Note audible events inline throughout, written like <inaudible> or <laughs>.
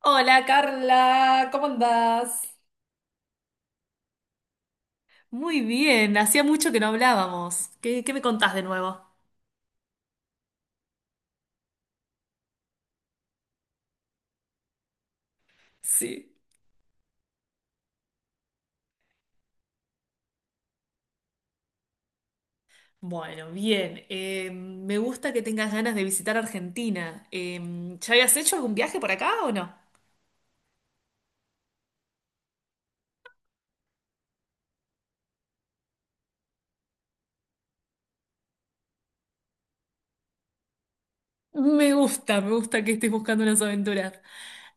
Hola Carla, ¿cómo andás? Muy bien, hacía mucho que no hablábamos. ¿Qué me contás de nuevo? Sí. Bueno, bien. Me gusta que tengas ganas de visitar Argentina. ¿Ya habías hecho algún viaje por acá o no? Me gusta que estés buscando unas aventuras.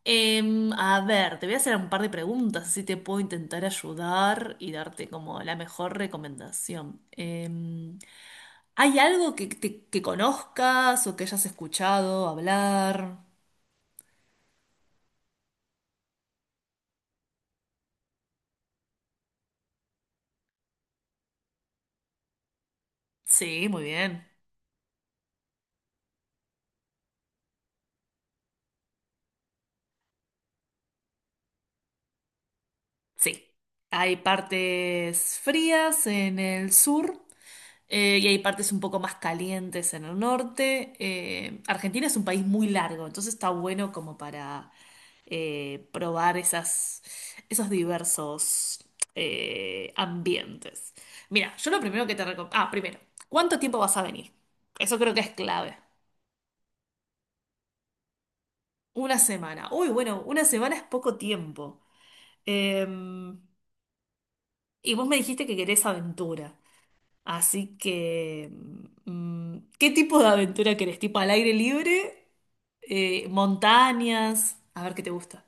Eh, a ver, te voy a hacer un par de preguntas, así te puedo intentar ayudar y darte como la mejor recomendación. ¿Hay algo que, que conozcas o que hayas escuchado hablar? Sí, muy bien. Sí. Hay partes frías en el sur y hay partes un poco más calientes en el norte. Argentina es un país muy largo, entonces está bueno como para probar esos diversos ambientes. Mira, yo lo primero que te recomiendo... Ah, primero, ¿cuánto tiempo vas a venir? Eso creo que es clave. Una semana. Uy, bueno, una semana es poco tiempo. Eh, y vos me dijiste que querés aventura. Así que, ¿qué tipo de aventura querés? ¿Tipo al aire libre? ¿Montañas? A ver qué te gusta.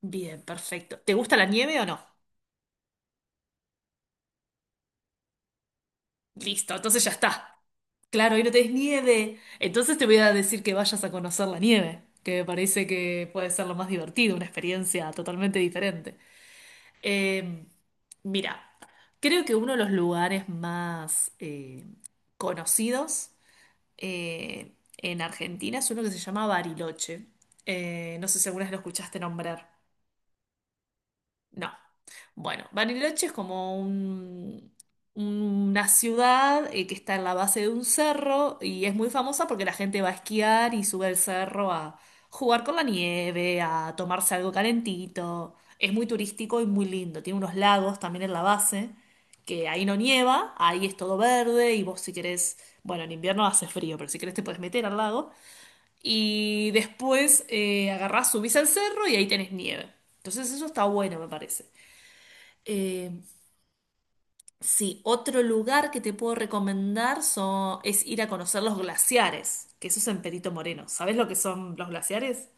Bien, perfecto. ¿Te gusta la nieve o no? Listo, entonces ya está. Claro, hoy no tenés nieve. Entonces te voy a decir que vayas a conocer la nieve, que me parece que puede ser lo más divertido, una experiencia totalmente diferente. Eh, Mira, creo que uno de los lugares más conocidos eh, en Argentina es uno que se llama Bariloche. No sé si alguna vez lo escuchaste nombrar. No. Bueno, Bariloche es como una ciudad que está en la base de un cerro y es muy famosa porque la gente va a esquiar y sube al cerro a jugar con la nieve, a tomarse algo calentito. Es muy turístico y muy lindo. Tiene unos lagos también en la base, que ahí no nieva, ahí es todo verde y vos si querés, bueno, en invierno hace frío, pero si querés te podés meter al lago. Y después agarrás, subís al cerro y ahí tenés nieve. Entonces eso está bueno, me parece. Eh, sí, otro lugar que te puedo recomendar es ir a conocer los glaciares, que eso es en Perito Moreno. ¿Sabes lo que son los glaciares?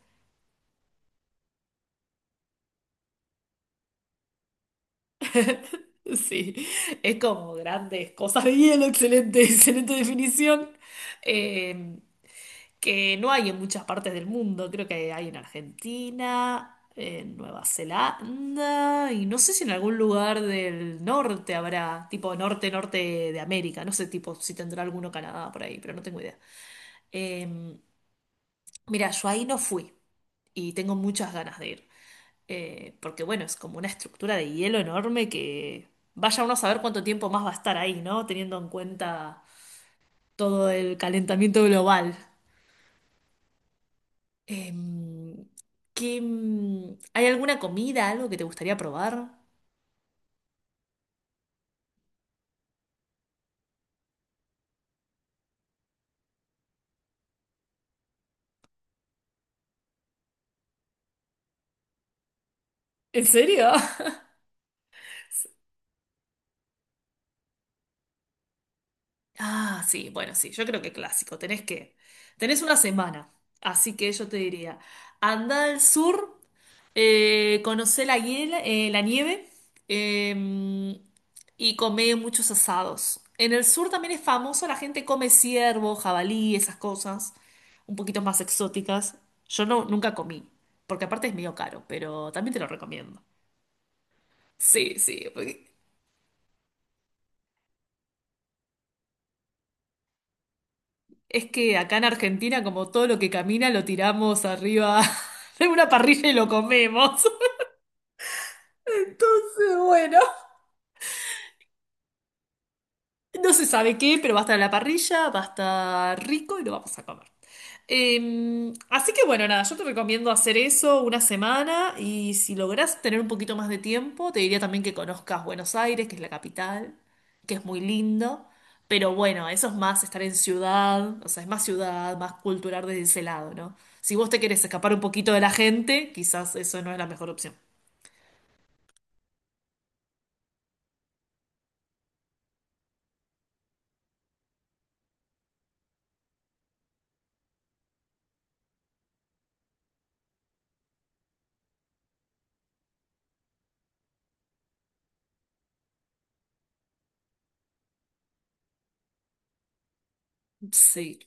<laughs> Sí, es como grandes cosas de hielo, excelente, <laughs> excelente definición, eh, que no hay en muchas partes del mundo, creo que hay en Argentina, en Nueva Zelanda, y no sé si en algún lugar del norte habrá, tipo norte, norte de América, no sé tipo si tendrá alguno Canadá por ahí, pero no tengo idea. Eh, Mira, yo ahí no fui y tengo muchas ganas de ir. Porque bueno, es como una estructura de hielo enorme que vaya uno a saber cuánto tiempo más va a estar ahí, ¿no? Teniendo en cuenta todo el calentamiento global. Em, ¿Qué, ¿hay alguna comida, algo que te gustaría probar? ¿En serio? <laughs> Ah, sí, bueno, sí, yo creo que clásico. Tenés una semana, así que yo te diría, anda al sur, conocé la nieve eh, y comé muchos asados. En el sur también es famoso, la gente come ciervo, jabalí, esas cosas, un poquito más exóticas. Yo no, nunca comí, porque aparte es medio caro, pero también te lo recomiendo. Sí, sí. Es que acá en Argentina, como todo lo que camina, lo tiramos arriba <laughs> de una parrilla y lo comemos. Entonces, bueno, no se sabe qué, pero va a estar en la parrilla, va a estar rico y lo vamos a comer. Así que bueno, nada, yo te recomiendo hacer eso una semana y si lográs tener un poquito más de tiempo, te diría también que conozcas Buenos Aires, que es la capital, que es muy lindo, pero bueno, eso es más estar en ciudad, o sea, es más ciudad, más cultural desde ese lado, ¿no? Si vos te querés escapar un poquito de la gente, quizás eso no es la mejor opción. Sí.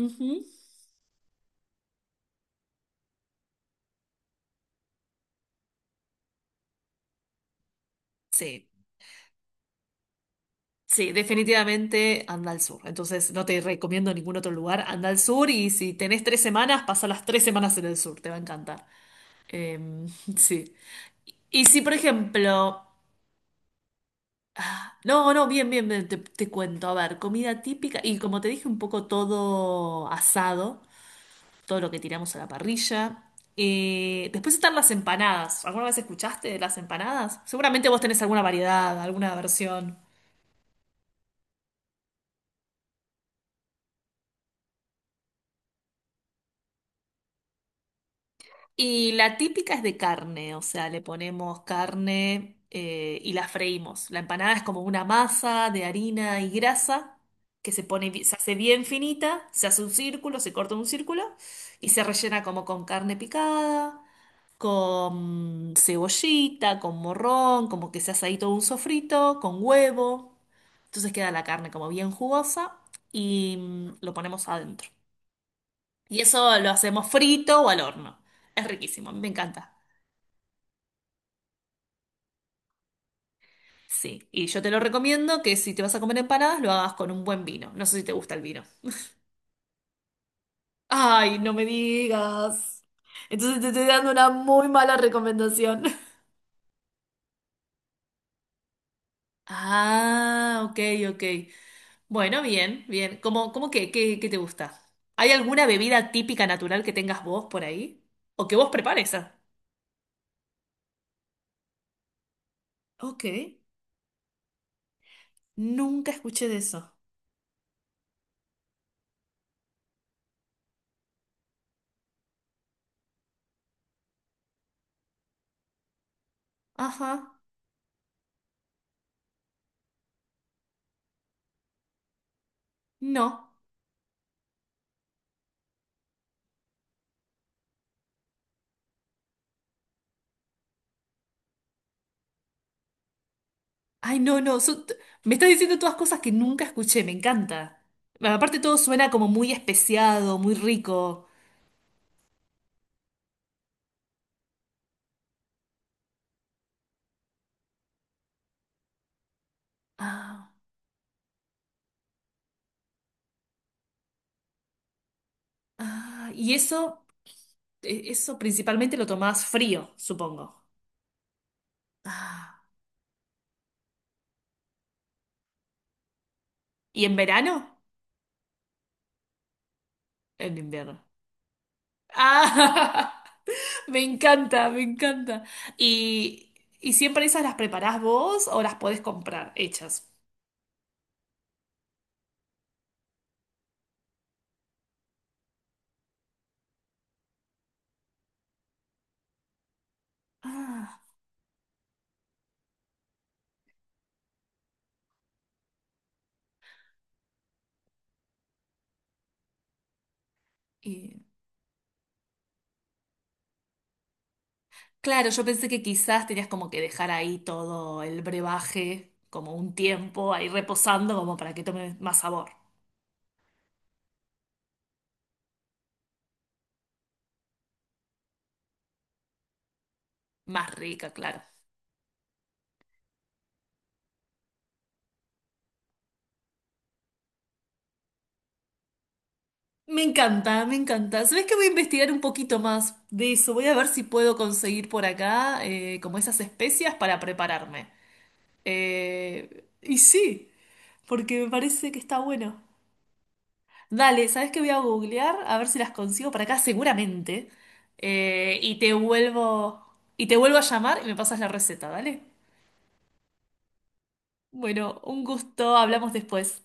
Ujú. Sí. Sí, definitivamente anda al sur. Entonces no te recomiendo ningún otro lugar. Anda al sur y si tenés tres semanas, pasa las tres semanas en el sur. Te va a encantar. Em, <laughs> sí. Y si, por ejemplo... Ah, no, no, bien, bien, bien, te cuento. A ver, comida típica. Y como te dije, un poco todo asado. Todo lo que tiramos a la parrilla. Después están las empanadas. ¿Alguna vez escuchaste de las empanadas? Seguramente vos tenés alguna variedad, alguna versión. Y la típica es de carne, o sea, le ponemos carne y la freímos. La empanada es como una masa de harina y grasa que se pone, se hace bien finita, se hace un círculo, se corta un círculo y se rellena como con carne picada, con cebollita, con morrón, como que se hace ahí todo un sofrito, con huevo. Entonces queda la carne como bien jugosa y lo ponemos adentro. Y eso lo hacemos frito o al horno. Es riquísimo, me encanta. Sí, y yo te lo recomiendo que si te vas a comer empanadas lo hagas con un buen vino. No sé si te gusta el vino. Ay, no me digas. Entonces te estoy dando una muy mala recomendación. <laughs> Ah, ok, ok. Bueno, bien, bien. ¿Cómo, qué te gusta? ¿Hay alguna bebida típica natural que tengas vos por ahí? ¿O que vos prepares? ¿Ah? Ok. Nunca escuché de eso. Ajá. No. Ay, no, no, me estás diciendo todas cosas que nunca escuché, me encanta. Aparte todo suena como muy especiado, muy rico. Ah, ah, y eso, eso principalmente lo tomás frío, supongo. Ah, ¿y en verano? En invierno. Ah, <laughs> me encanta, me encanta. ¿Y, y siempre esas las preparás vos o las podés comprar hechas? Ah, claro, yo pensé que quizás tenías como que dejar ahí todo el brebaje, como un tiempo, ahí reposando, como para que tome más sabor. Más rica, claro. Me encanta, me encanta. ¿Sabés que voy a investigar un poquito más de eso? Voy a ver si puedo conseguir por acá como esas especias para prepararme. Y sí, porque me parece que está bueno. Dale, ¿sabés qué voy a googlear? A ver si las consigo para acá seguramente. Eh, y te vuelvo, y te vuelvo a llamar y me pasas la receta, ¿dale? Bueno, un gusto, hablamos después.